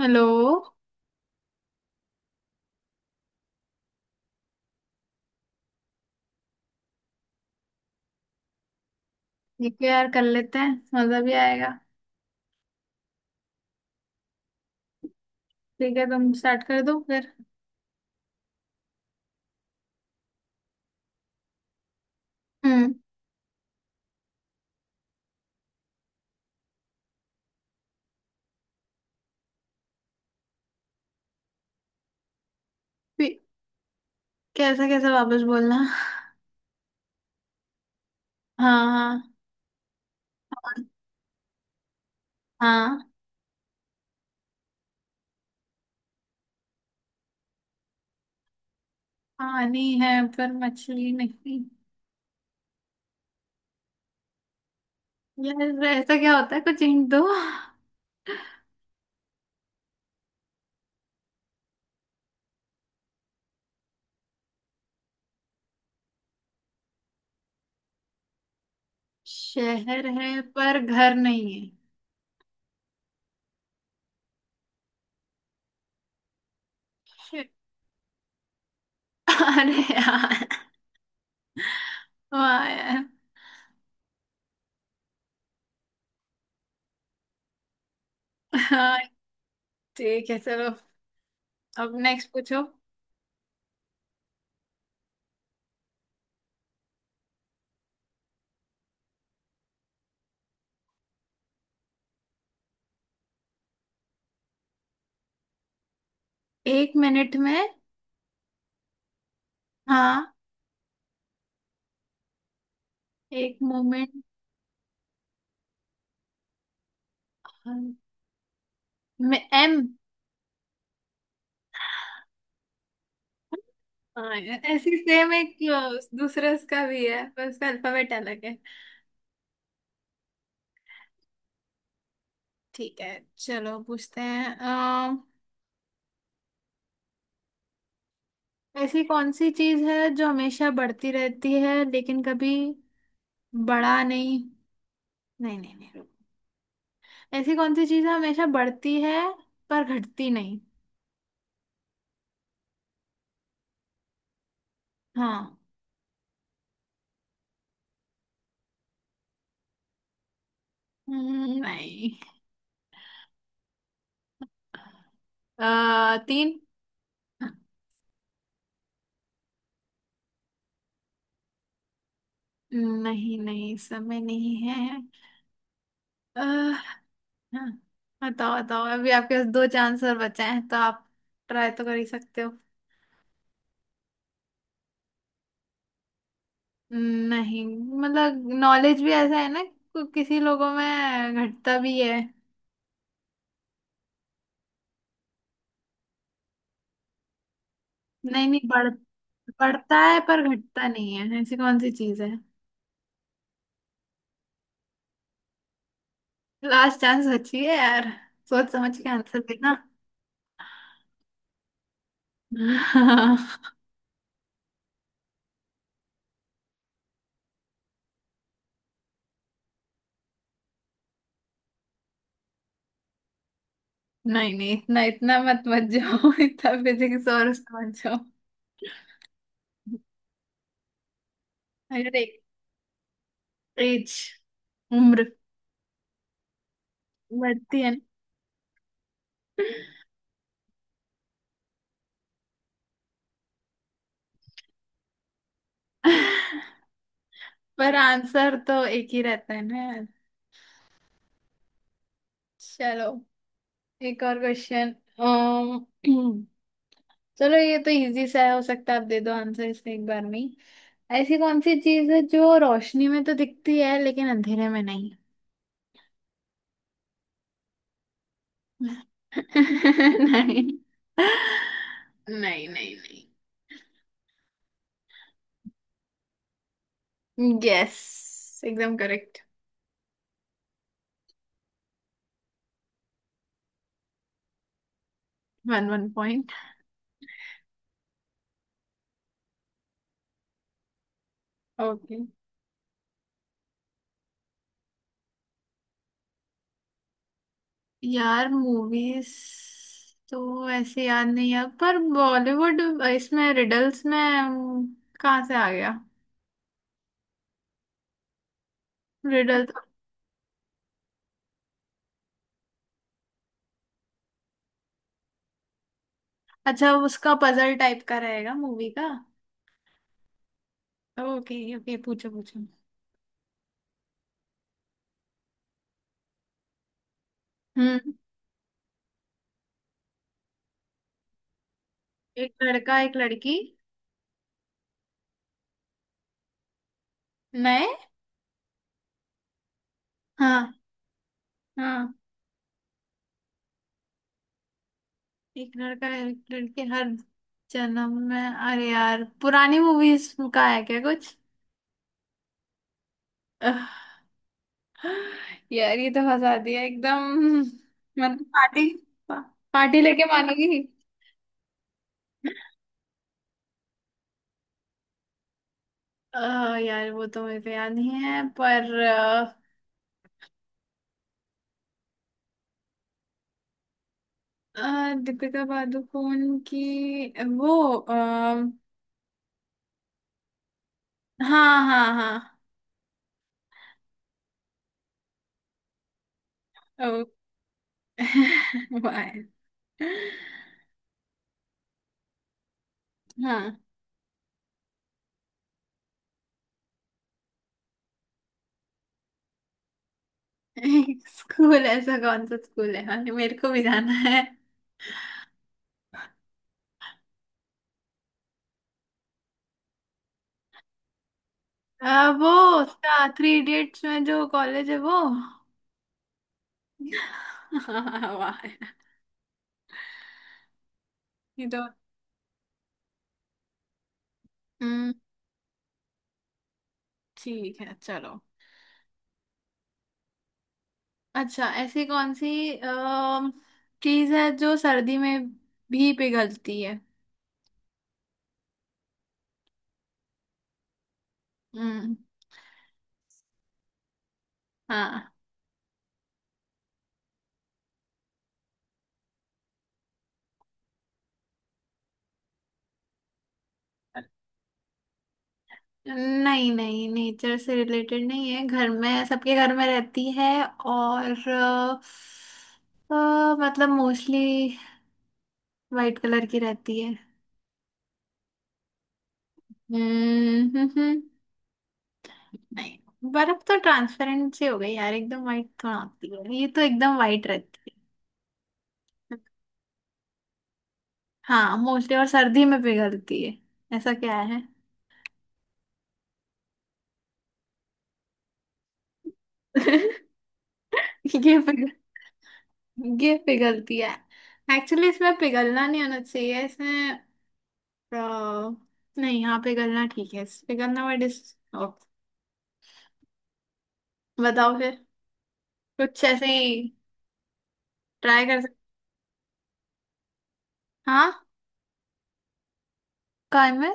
Hello. ठीक है यार, कर लेते हैं। मजा भी आएगा। ठीक है, तुम स्टार्ट कर दो फिर। हम्म। फिर- कैसा कैसा वापस बोलना। हाँ हाँ हाँ। पानी है पर मछली नहीं। यार ऐसा क्या होता है, कुछ हिंट दो। शहर है पर घर नहीं है। शे- अरे यार, वाह यार। हाँ ठीक है चलो, अब नेक्स्ट पूछो। एक मिनट में। हाँ। एक मोमेंट में एम। हाँ ऐसी सेम एक दूसरे उसका भी है पर उसका अल्फाबेट अलग है। ठीक है, चलो पूछते हैं ऐसी कौन सी चीज है जो हमेशा बढ़ती रहती है लेकिन कभी बड़ा नहीं। नहीं नहीं नहीं रुक। ऐसी कौन सी चीज है हमेशा बढ़ती है पर घटती नहीं। हाँ। नहीं। तीन। नहीं नहीं समय नहीं है। अ, हाँ, बताओ बताओ, अभी आपके पास दो चांस और बचे हैं तो आप ट्राई तो कर ही सकते हो। नहीं, मतलब नॉलेज भी ऐसा है ना कि किसी लोगों में घटता भी है। नहीं नहीं बढ़ बढ़ता है पर घटता नहीं है, ऐसी कौन सी चीज है। लास्ट चांस बची है यार, सोच समझ के आंसर देना। नहीं नहीं, इतना इतना मत मत जाओ। इतना फिजिक्स और उसमें मत जाओ। अरे एज, उम्र बढ़ती है ना। पर आंसर तो एक ही रहता है ना यार। चलो एक और क्वेश्चन। चलो ये तो इजी सा है, हो सकता है आप दे दो आंसर इसमें एक बार में ही। ऐसी कौन सी चीज है जो रोशनी में तो दिखती है लेकिन अंधेरे में नहीं। नहीं नहीं नहीं नहीं। यस एकदम correct. One one point. Okay. यार मूवीज तो ऐसे याद नहीं है, पर बॉलीवुड इसमें रिडल्स में कहाँ से आ गया, रिडल तो। अच्छा, उसका पजल टाइप का रहेगा मूवी का। ओके ओके, पूछो पूछो। हम्म। एक लड़का एक लड़की, नए। हाँ। हाँ एक लड़का एक लड़की हर जन्म में, अरे यार पुरानी मूवीज का है क्या कुछ। अह, यार ये तो फंसा दिया एकदम, मतलब पार्टी, पा, पार्टी लेके मानोगी। अ, यार वो तो मेरे को याद नहीं है पर दीपिका पादुकोण की वो हाँ हाँ हाँ। ओ, वाह। हाँ। स्कूल, ऐसा कौन सा स्कूल है, हाँ मेरे को भी जाना है। वो उसका थ्री इडियट्स में जो कॉलेज है वो। हाँ, वाह, ये तो। हम्म। ठीक है चलो। अच्छा ऐसी कौन सी चीज है जो सर्दी में भी पिघलती है। हम्म। हाँ। नहीं नहीं नेचर से रिलेटेड नहीं है, घर में, सबके घर में रहती है। और मतलब मोस्टली वाइट कलर की रहती है। हम्म हम्म, हम्म। नहीं, बर्फ तो ट्रांसपेरेंट सी हो गई यार, एकदम वाइट थोड़ा होती है, ये तो एकदम वाइट रहती है। हाँ मोस्टली, और सर्दी में पिघलती है, ऐसा क्या है। ये पिघल, ये पिघलती है, एक्चुअली इसमें पिघलना नहीं होना चाहिए इसमें अ, नहीं हाँ पिघलना ठीक है, पिघलना वर्ड इस बताओ फिर, कुछ ऐसे ही ट्राई कर सकते। हाँ। काय में।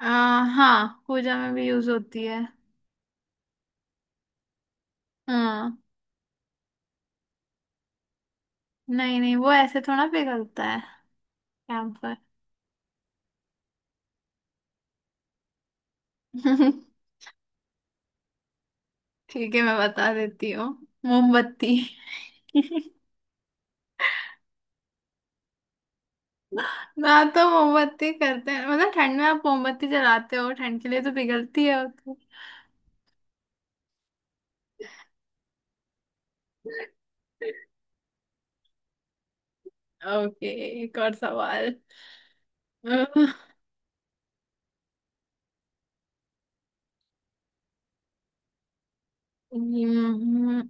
आ, हाँ पूजा में भी यूज होती है। हाँ। नहीं नहीं, वो ऐसे थोड़ा पिघलता है। कैंपर। ठीक है मैं बता देती हूँ, मोमबत्ती। ना तो मोमबत्ती करते हैं मतलब, ठंड में आप मोमबत्ती जलाते हो ठंड के लिए, तो पिघलती है वो तो। ओके, एक और सवाल। हम्म,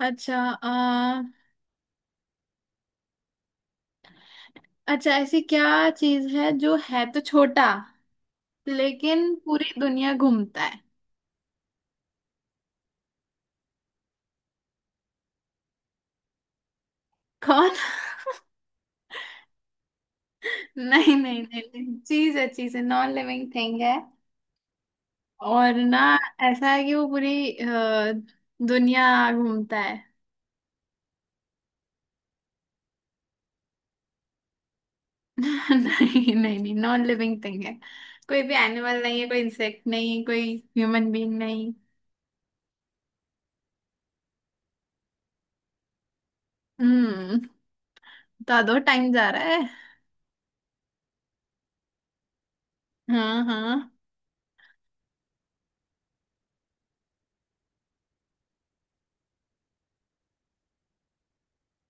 अच्छा अच्छा ऐसी क्या चीज है जो है तो छोटा लेकिन पूरी दुनिया घूमता है। कौन। नहीं नहीं नहीं, नहीं चीज है, चीज है, नॉन लिविंग थिंग है। और ना, ऐसा है कि वो पूरी दुनिया घूमता है। नहीं नहीं नहीं, नॉन लिविंग थिंग है, कोई भी एनिमल नहीं है, कोई इंसेक्ट नहीं, कोई ह्यूमन बीइंग नहीं। हम्म। तो दो टाइम जा रहा है। हाँ हाँ।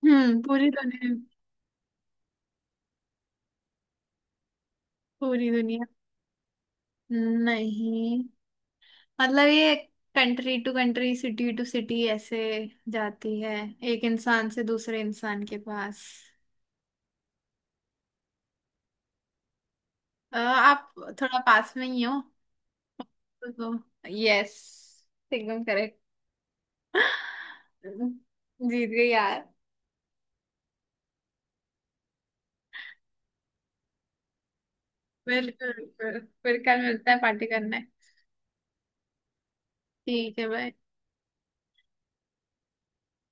पूरी दुनिया। पूरी दुनिया। नहीं, मतलब ये country to country, city to city ऐसे जाती है, एक इंसान से दूसरे इंसान के पास। आप थोड़ा पास में ही हो तो। यस एकदम करेक्ट। जीत गई यार। बिल्कुल बिल्कुल। फिर कल मिलता है पार्टी करने। ठीक है भाई।